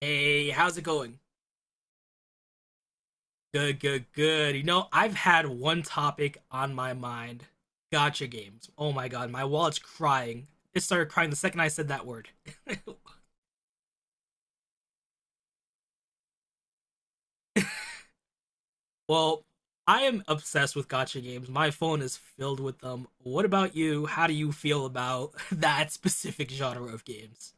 Hey, how's it going? Good, good, good. You know, I've had one topic on my mind. Gotcha games. Oh my god, my wallet's crying. It started crying the second I said that word. Well, I am obsessed with gotcha games. My phone is filled with them. What about you? How do you feel about that specific genre of games?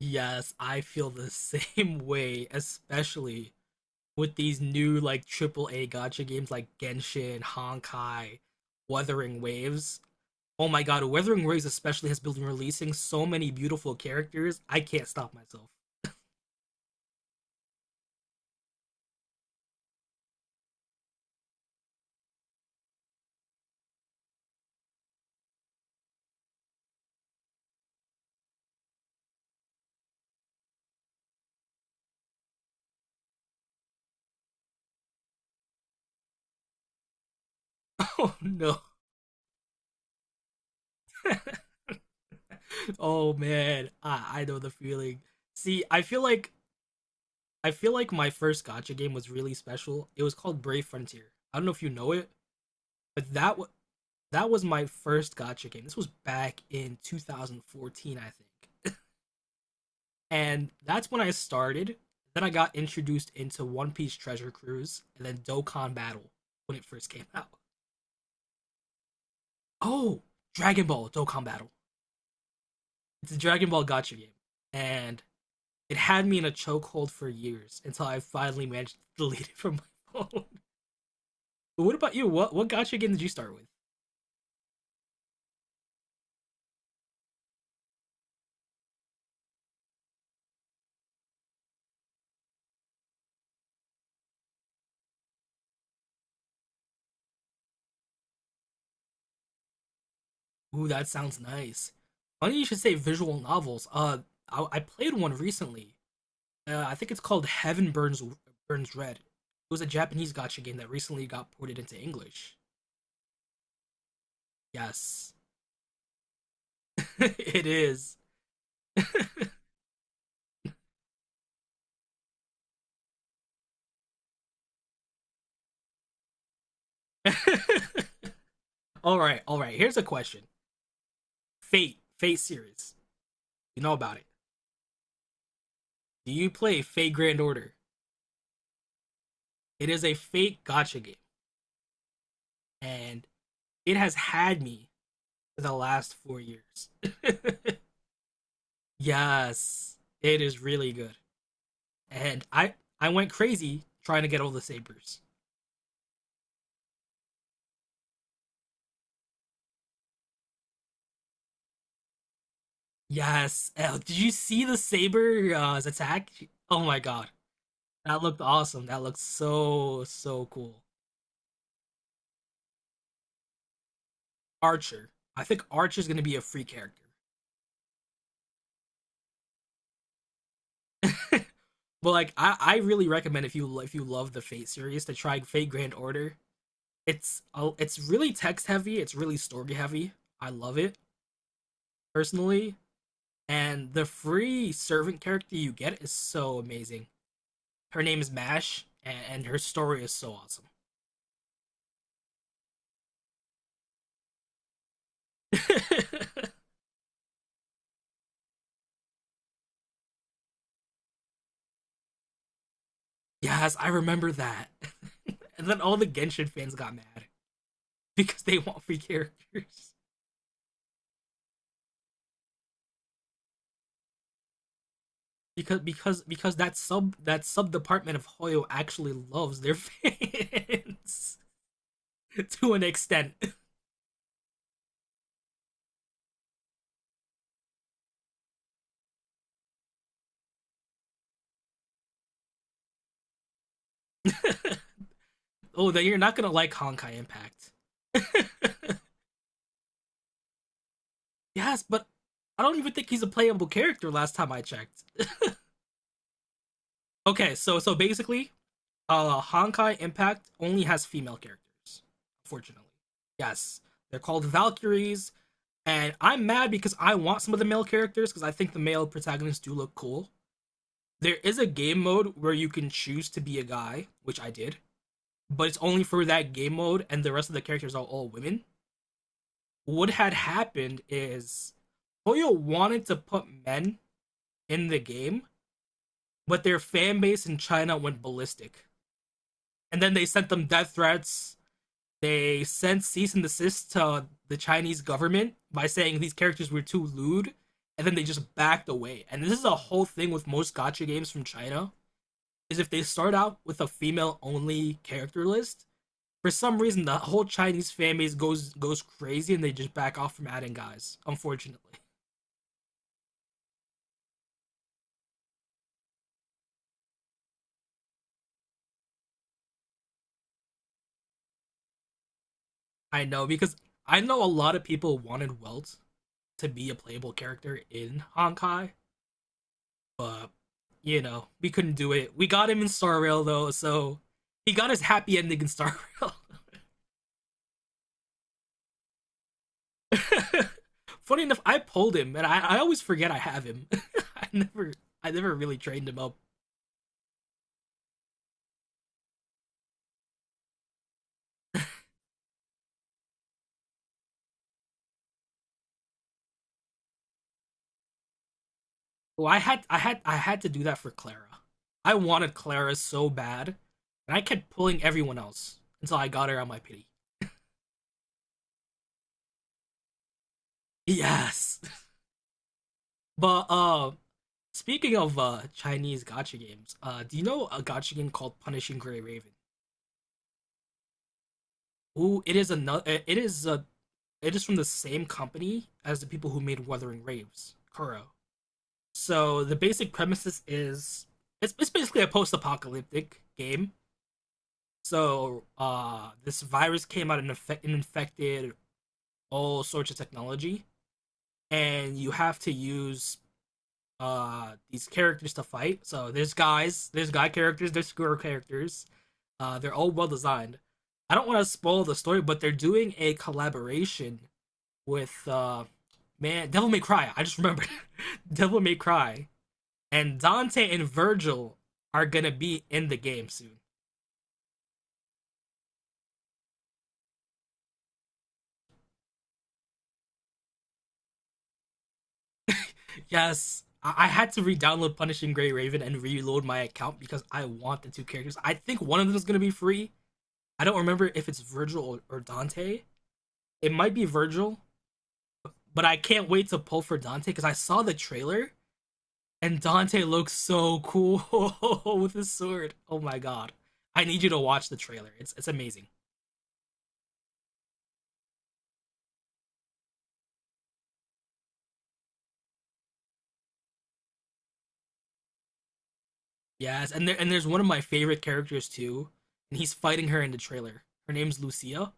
Yes, I feel the same way, especially with these new like triple A gotcha games like Genshin, Honkai, Wuthering Waves. Oh my god, Wuthering Waves especially has been releasing so many beautiful characters. I can't stop myself. Oh no. Oh man. I know the feeling. See, I feel like my first gotcha game was really special. It was called Brave Frontier. I don't know if you know it, but that was my first gotcha game. This was back in 2014, I think. And that's when I started. Then I got introduced into One Piece Treasure Cruise, and then Dokkan Battle when it first came out. Oh, Dragon Ball Dokkan Battle. It's a Dragon Ball Gotcha game, and it had me in a chokehold for years until I finally managed to delete it from my phone. But what about you? What Gotcha game did you start with? Ooh, that sounds nice. Funny you should say visual novels. I played one recently. I think it's called Heaven Burns Red. It was a Japanese gotcha game that recently got ported into English. Yes, it is. all right, all right. Here's a question: Fate, Fate series. You know about it. Do you play Fate Grand Order? It is a Fate gotcha game, and it has had me for the last 4 years. yes, it is really good, and I went crazy trying to get all the sabers. Yes. Oh, did you see the saber attack? Oh my god. That looked awesome. That looked so so cool. Archer. I think Archer's gonna be a free character. but like I really recommend if you love the Fate series to try Fate Grand Order. It's really text heavy, it's really story heavy. I love it personally. And the free servant character you get is so amazing. Her name is Mash, and her story is so awesome. Yes, I remember that. and then all the Genshin fans got mad because they want free characters. Because that sub department of Hoyo actually loves their fans to an extent. oh, then you're not gonna like Honkai Impact. yes, but I don't even think he's a playable character last time I checked. Okay, so so basically, Honkai Impact only has female characters, fortunately. Yes. They're called Valkyries. And I'm mad because I want some of the male characters because I think the male protagonists do look cool. There is a game mode where you can choose to be a guy, which I did, but it's only for that game mode and the rest of the characters are all women. What had happened is Toyo wanted to put men in the game, but their fan base in China went ballistic. And then they sent them death threats, they sent cease and desist to the Chinese government by saying these characters were too lewd, and then they just backed away. And this is a whole thing with most gotcha games from China, is if they start out with a female-only character list, for some reason the whole Chinese fan base goes crazy and they just back off from adding guys, unfortunately. I know because I know a lot of people wanted Welt to be a playable character in Honkai, but you know we couldn't do it. We got him in Star Rail though, so he got his happy ending in Star Rail. Funny enough, I pulled him, and I always forget I have him. I never I never really trained him up. Well, I had to do that for Clara. I wanted Clara so bad, and I kept pulling everyone else until I got her on my pity. Yes, but speaking of Chinese gotcha games, do you know a gotcha game called Punishing Gray Raven? Ooh, it is another. It is a. It is from the same company as the people who made Wuthering Waves, Kuro. So the basic premises is it's basically a post-apocalyptic game. So this virus came out and, infected all sorts of technology, and you have to use these characters to fight. So there's guys, there's guy characters, there's girl characters. They're all well designed. I don't want to spoil the story, but they're doing a collaboration with man Devil May Cry. I just remembered Devil May Cry, and Dante and Virgil are gonna be in the game soon. Yes, I had to re-download Punishing Gray Raven and reload my account because I want the two characters. I think one of them is gonna be free. I don't remember if it's Virgil or Dante. It might be Virgil, but I can't wait to pull for Dante because I saw the trailer and Dante looks so cool with his sword. Oh my god. I need you to watch the trailer. It's amazing. Yes, and there and there's one of my favorite characters too, and he's fighting her in the trailer. Her name's Lucia.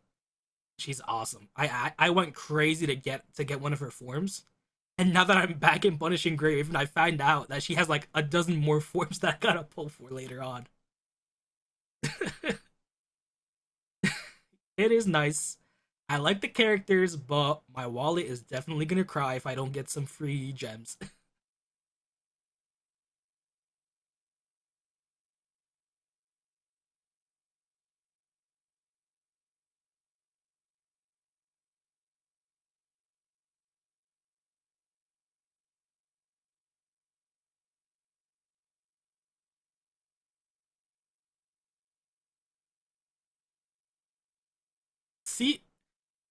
She's awesome. I went crazy to get one of her forms. And now that I'm back in Punishing Grave, I find out that she has like a dozen more forms that I gotta pull for later on. It is nice. I like the characters, but my wallet is definitely gonna cry if I don't get some free gems. see,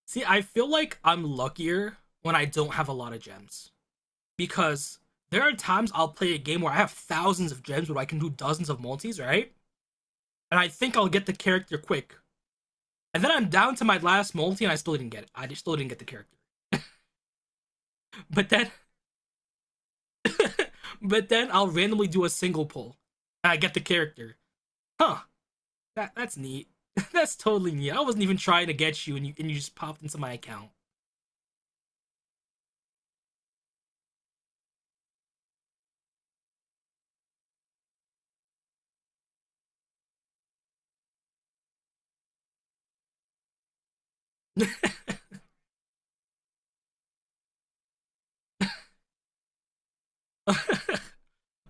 see, I feel like I'm luckier when I don't have a lot of gems, because there are times I'll play a game where I have thousands of gems where I can do dozens of multis, right? And I think I'll get the character quick. And then I'm down to my last multi and I still didn't get it. I just still didn't get the character. But then but then I'll randomly do a single pull. And I get the character. Huh. That that's neat. that's totally neat. I wasn't even trying to get you and you just popped into my account.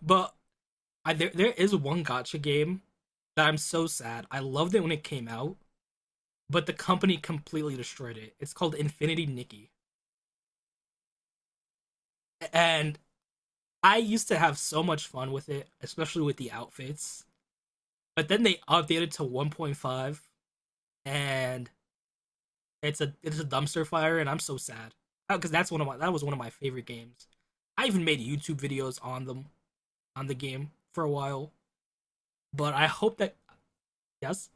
But I, there is one gotcha game that I'm so sad. I loved it when it came out, but the company completely destroyed it. It's called Infinity Nikki. And I used to have so much fun with it, especially with the outfits. But then they updated to 1.5, and it's a dumpster fire, and I'm so sad because that was one of my favorite games. I even made YouTube videos on them on the game for a while. But I hope that yes,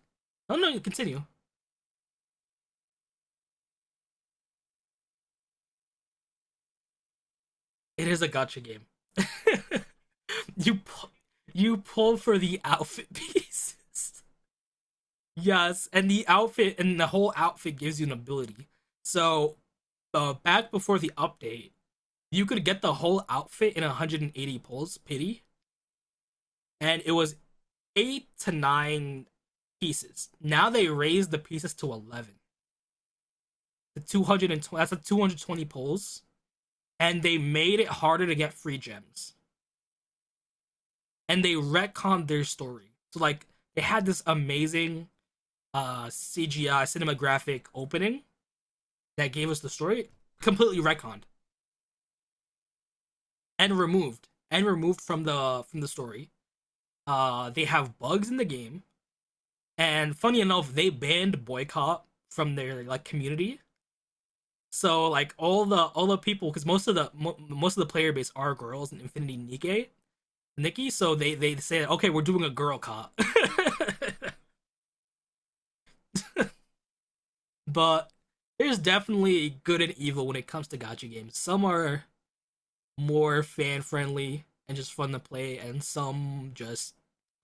no, no, continue. It is a gotcha game. You you pull for the outfit pieces. Yes, and the outfit and the whole outfit gives you an ability. So, back before the update, you could get the whole outfit in 180 pulls, pity, and it was eight to nine pieces. Now they raised the pieces to 11. The 220 that's the 220 pulls, and they made it harder to get free gems. And they retconned their story. So like they had this amazing CGI cinematographic opening that gave us the story completely retconned. And removed from the story. They have bugs in the game, and funny enough, they banned boycott from their like community. So like all the people, because most of most of the player base are girls in Infinity Nikki, Nikki. So they say okay, we're doing a girl cop. but there's definitely good and evil when it comes to gacha games. Some are more fan friendly and just fun to play, and some just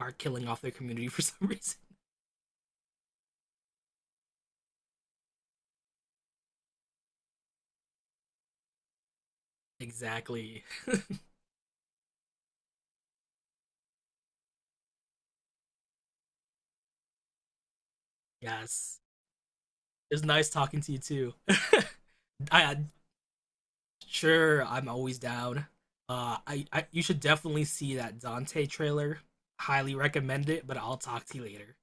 are killing off their community for some reason. Exactly. Yes. It was nice talking to you too. I I- sure I'm always down. I you should definitely see that Dante trailer. Highly recommend it, but I'll talk to you later.